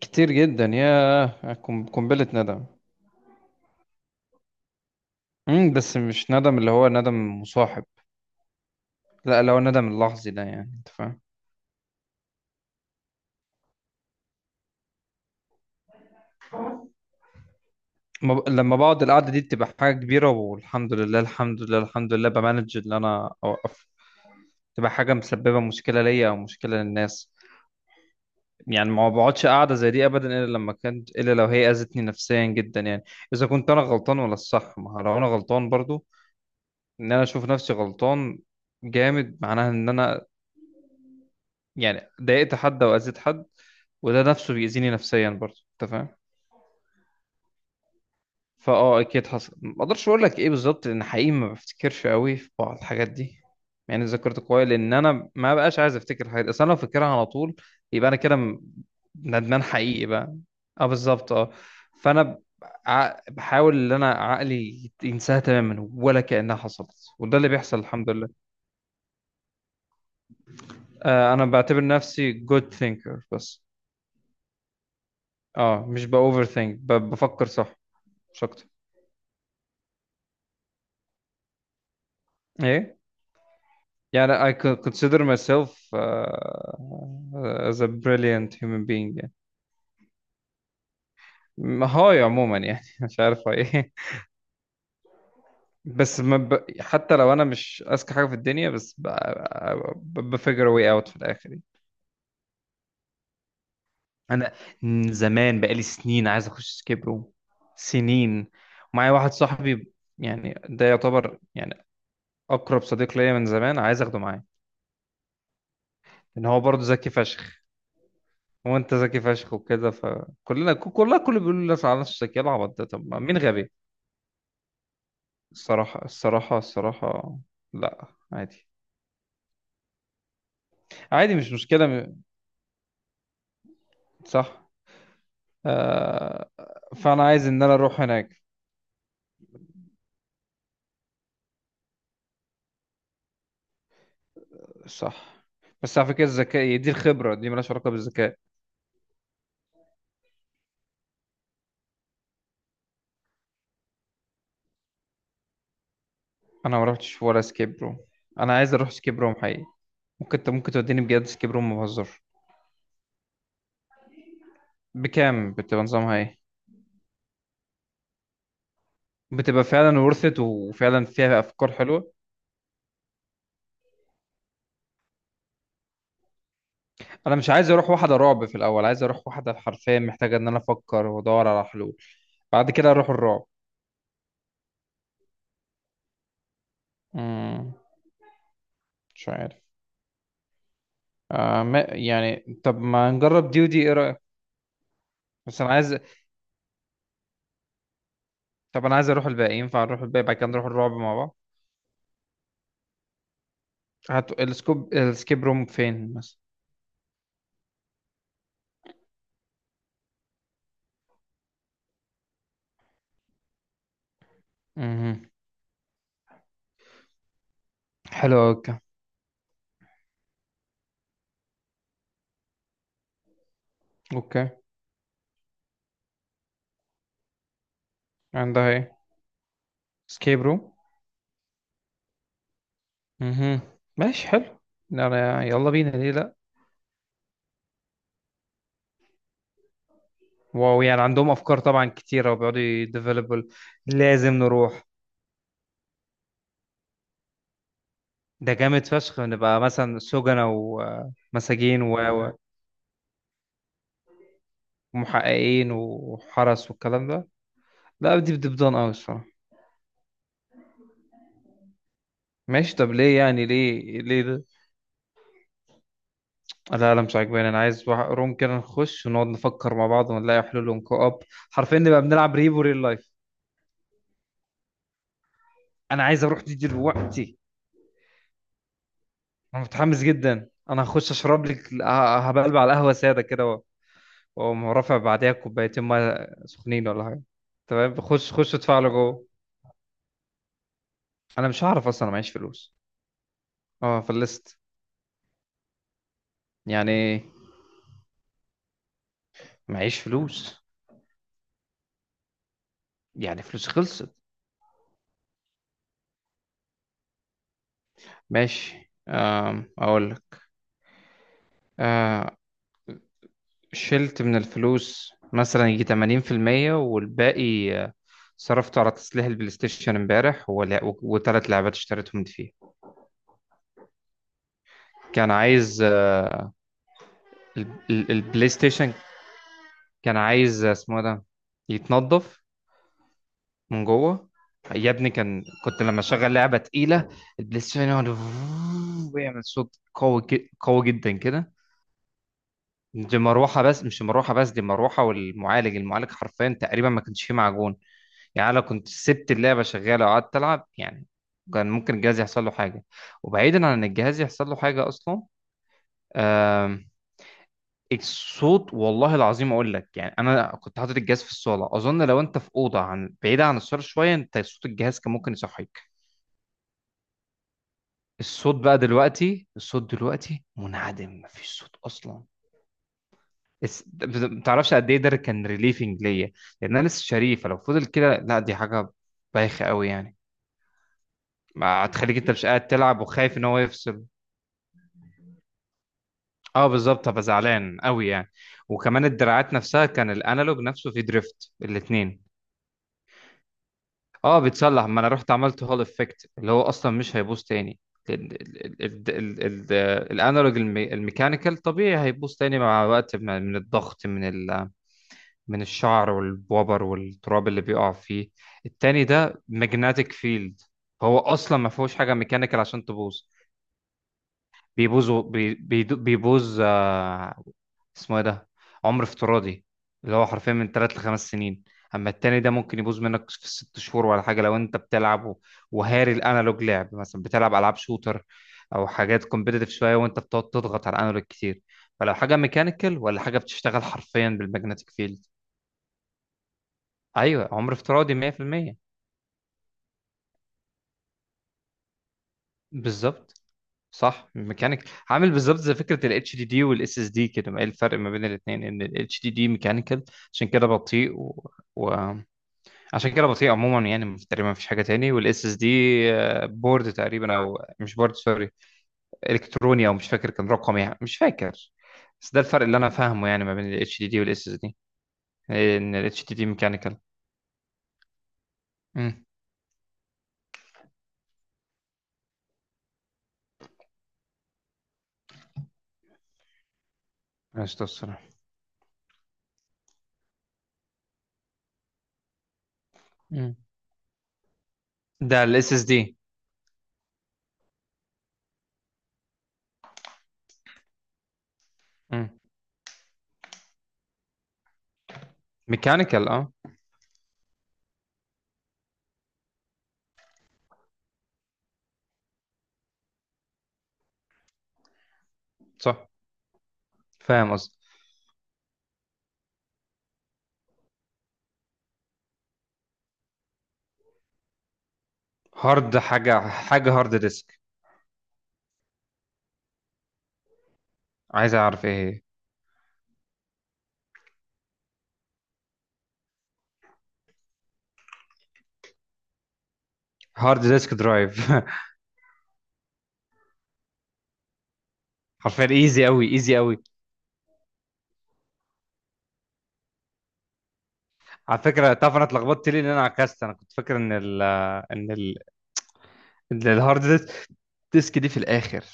كتير جدا يا قنبلة ندم. بس مش ندم اللي هو ندم مصاحب، لا اللي هو الندم اللحظي ده، يعني انت فاهم. ما ب- لما بقعد القعدة دي بتبقى حاجة كبيرة، والحمد لله الحمد لله بمانج اللي انا اوقف، تبقى حاجة مسببة مشكلة ليا او مشكلة للناس. يعني ما بقعدش قاعدة زي دي ابدا الا لما كانت، الا لو هي اذتني نفسيا جدا يعني. اذا كنت انا غلطان ولا الصح، ما هو لو انا غلطان برضو، ان انا اشوف نفسي غلطان جامد، معناها ان انا يعني ضايقت حد او اذيت حد، وده نفسه بيأذيني نفسيا برضه، انت فاهم. اكيد حصل، ما اقدرش اقول لك ايه بالظبط لان حقيقي ما بفتكرش قوي في بعض الحاجات دي، يعني ذاكرت كويس لان انا ما بقاش عايز افتكر الحاجات دي، اصل انا لو فاكرها على طول يبقى انا ندمان حقيقي بقى. اه بالظبط اه. فانا ب- بحاول ان انا عقلي ينساها تماما ولا كأنها حصلت، وده اللي بيحصل الحمد لله. آه انا بعتبر نفسي good thinker بس. اه مش ب overthink، بفكر صح مش اكتر. ايه؟ يعني I could consider myself as a brilliant human being يعني. هاي عموما يعني مش عارف هاي ايه. بس ما ب... حتى لو انا مش اذكى حاجه في الدنيا، بس بفجر واي اوت في الاخر يعني. انا من زمان بقالي سنين عايز اخش سكيب روم، سنين. معايا واحد صاحبي يعني ده يعتبر يعني اقرب صديق ليا، من زمان عايز اخده معايا لان هو برضه ذكي فشخ. هو انت ذكي فشخ وكده، كلها الكل بيقول لي على نفسه ذكي العبط ده، طب ما مين غبي؟ الصراحة لا، عادي، عادي مش مشكلة. صح، آه. فأنا عايز إن أنا أروح هناك. صح، بس على فكرة الذكاء دي، الخبرة دي مالهاش علاقة بالذكاء. أنا ما رحتش ولا سكيب روم، أنا عايز أروح سكيب روم حقيقي. ممكن أنت ممكن توديني بجد سكيب روم، ما بهزرش. بكام بتبقى؟ نظامها إيه؟ بتبقى فعلا ورثت وفعلا فيها أفكار حلوة. انا مش عايز اروح واحده رعب في الاول، عايز اروح واحده حرفيا محتاجه ان انا افكر وادور على حلول، بعد كده اروح الرعب. امم مش عارف. آه ما يعني، طب ما نجرب دي ودي، ايه رايك؟ بس انا عايز، طب انا عايز اروح الباقي، ينفع نروح الباقي بعد كده نروح الرعب مع بعض. هات السكوب، السكيب روم فين مثلا؟ امم حلو أوي، اوكي. اوكي. عندها ايه؟ سكيب روم. امم ماشي حلو. أنا يلا بينا، ليه لا؟ واو، يعني عندهم افكار طبعا كتيره وبيقعدوا يديفلوبل. لازم نروح. ده جامد فشخ، نبقى مثلا سجنة ومساجين و- ومحققين وحرس والكلام ده. لا دي بتبدون قوي الصراحة. ماشي، طب ليه؟ يعني ليه؟ ليه ده؟ لا مش عاجباني، انا عايز روم كده نخش ونقعد نفكر مع بعض ونلاقي حلول ونكو اب، حرفيا نبقى بنلعب ريبو ريل لايف. انا عايز اروح دي دلوقتي. انا متحمس جدا، انا هخش اشرب لك هبلبع على القهوة سادة كده واقوم رافع بعديها كوبايتين ميه سخنين ولا حاجة. تمام خش، خش ادفع له جوه. انا مش هعرف اصلا، انا معيش فلوس. اه فلست. يعني معيش فلوس. يعني فلوس خلصت. ماشي، اقول لك. آه، شلت من الفلوس مثلا يجي 80%، والباقي صرفته على تصليح البلاي ستيشن امبارح، و3 لعبات اشتريتهم دي. كان عايز البلاي ستيشن كان عايز، اسمه إيه ده، يتنضف من جوه. يا ابني كان، كنت لما اشغل لعبة تقيلة البلاي ستيشن يقعد ويعمل صوت قوي، قوي جدا كده. دي مروحة بس، مش مروحة بس، دي مروحة والمعالج، المعالج حرفيا تقريبا ما كانش فيه معجون. يعني أنا لو كنت سبت اللعبة شغالة وقعدت ألعب يعني، كان ممكن الجهاز يحصل له حاجة. وبعيدا عن إن الجهاز يحصل له حاجة أصلا، آم، الصوت والله العظيم أقول لك، يعني أنا كنت حاطط الجهاز في الصالة، أظن لو أنت في أوضة عن بعيدة عن الصالة شوية، أنت صوت الجهاز كان ممكن يصحيك. الصوت بقى دلوقتي، الصوت دلوقتي منعدم، مفيش صوت أصلا. ما تعرفش قد ايه ده كان ريليفنج ليا، لان انا لسه شريف، لو فضل كده لا دي حاجه بايخه قوي يعني. ما هتخليك انت مش قاعد تلعب وخايف ان هو يفصل. اه بالظبط، هبقى زعلان قوي يعني. وكمان الدراعات نفسها كان الانالوج نفسه فيه دريفت، الاثنين. اه بيتصلح، ما انا رحت عملت هول افكت اللي هو اصلا مش هيبوظ تاني. ال- ال- ال- ال- ال- الانالوج، الميكانيكال طبيعي هيبوظ تاني مع وقت، من الضغط، من الشعر والبوبر والتراب اللي بيقع فيه. التاني ده ماجنتيك فيلد، فهو اصلا ما فيهوش حاجه ميكانيكال عشان تبوظ. بيبوظ، بيبوظ، اسمه ايه ده، عمر افتراضي، اللي هو حرفيا من 3 ل5 سنين. اما التاني ده ممكن يبوظ منك في 6 شهور ولا حاجه لو انت بتلعب وهاري الانالوج لعب، مثلا بتلعب العاب شوتر او حاجات كومبيتيتيف شويه وانت بتقعد تضغط على الانالوج كتير. فلو حاجه ميكانيكال، ولا حاجه بتشتغل حرفيا بالماجنتيك فيلد. ايوه، عمر افتراضي 100%، بالظبط. صح، ميكانيك عامل بالظبط زي فكره الاتش دي دي والاس اس دي كده. ما ايه الفرق ما بين الاثنين؟ ان الاتش دي دي ميكانيكال عشان كده بطيء و... عشان كده بطيء عموما يعني، تقريبا مفيش حاجه تاني. والاس اس دي بورد تقريبا، او مش بورد سوري، الكتروني، او مش فاكر كان رقم يعني، مش فاكر. بس ده الفرق اللي انا فاهمه يعني ما بين الاتش دي دي والاس اس دي، ان الاتش دي دي ميكانيكال. امم ماشي توصل. ده الاس اس دي. ميكانيكال اه، صح. فاهم قصدي. هارد، حاجه هارد ديسك، عايز اعرف ايه هي. هارد ديسك درايف. حرفيا ايزي قوي، ايزي قوي. على فكره تعرف انا اتلخبطت ليه؟ لان انا عكست، انا كنت فاكر ان ال ان ال إن الهارد ديسك دي في الاخر،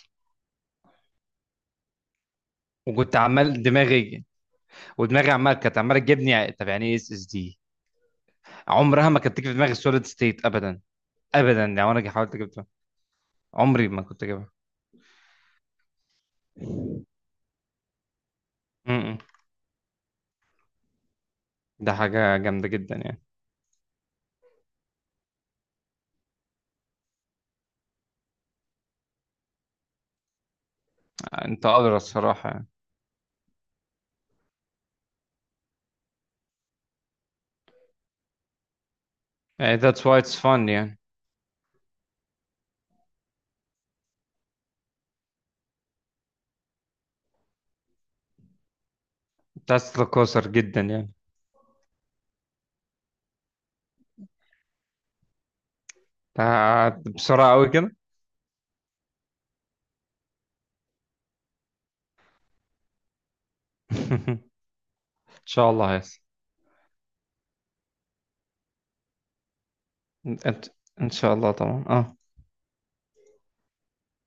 وكنت عمال دماغي، ودماغي كانت عماله تجيبني طب يعني ايه اس اس دي، عمرها ما كانت تيجي في دماغي سوليد ستيت ابدا. ابدا لو انا حاولت اجيبها عمري ما كنت اجيبها. م- م. ده حاجه جامده جدا يعني. انت قادر الصراحه يعني. يعني that's why it's fun يعني. بس قاصر جدا يعني. بسرعة قوي كده. ان شاء الله هيحصل. انت ان شاء الله طبعا اه.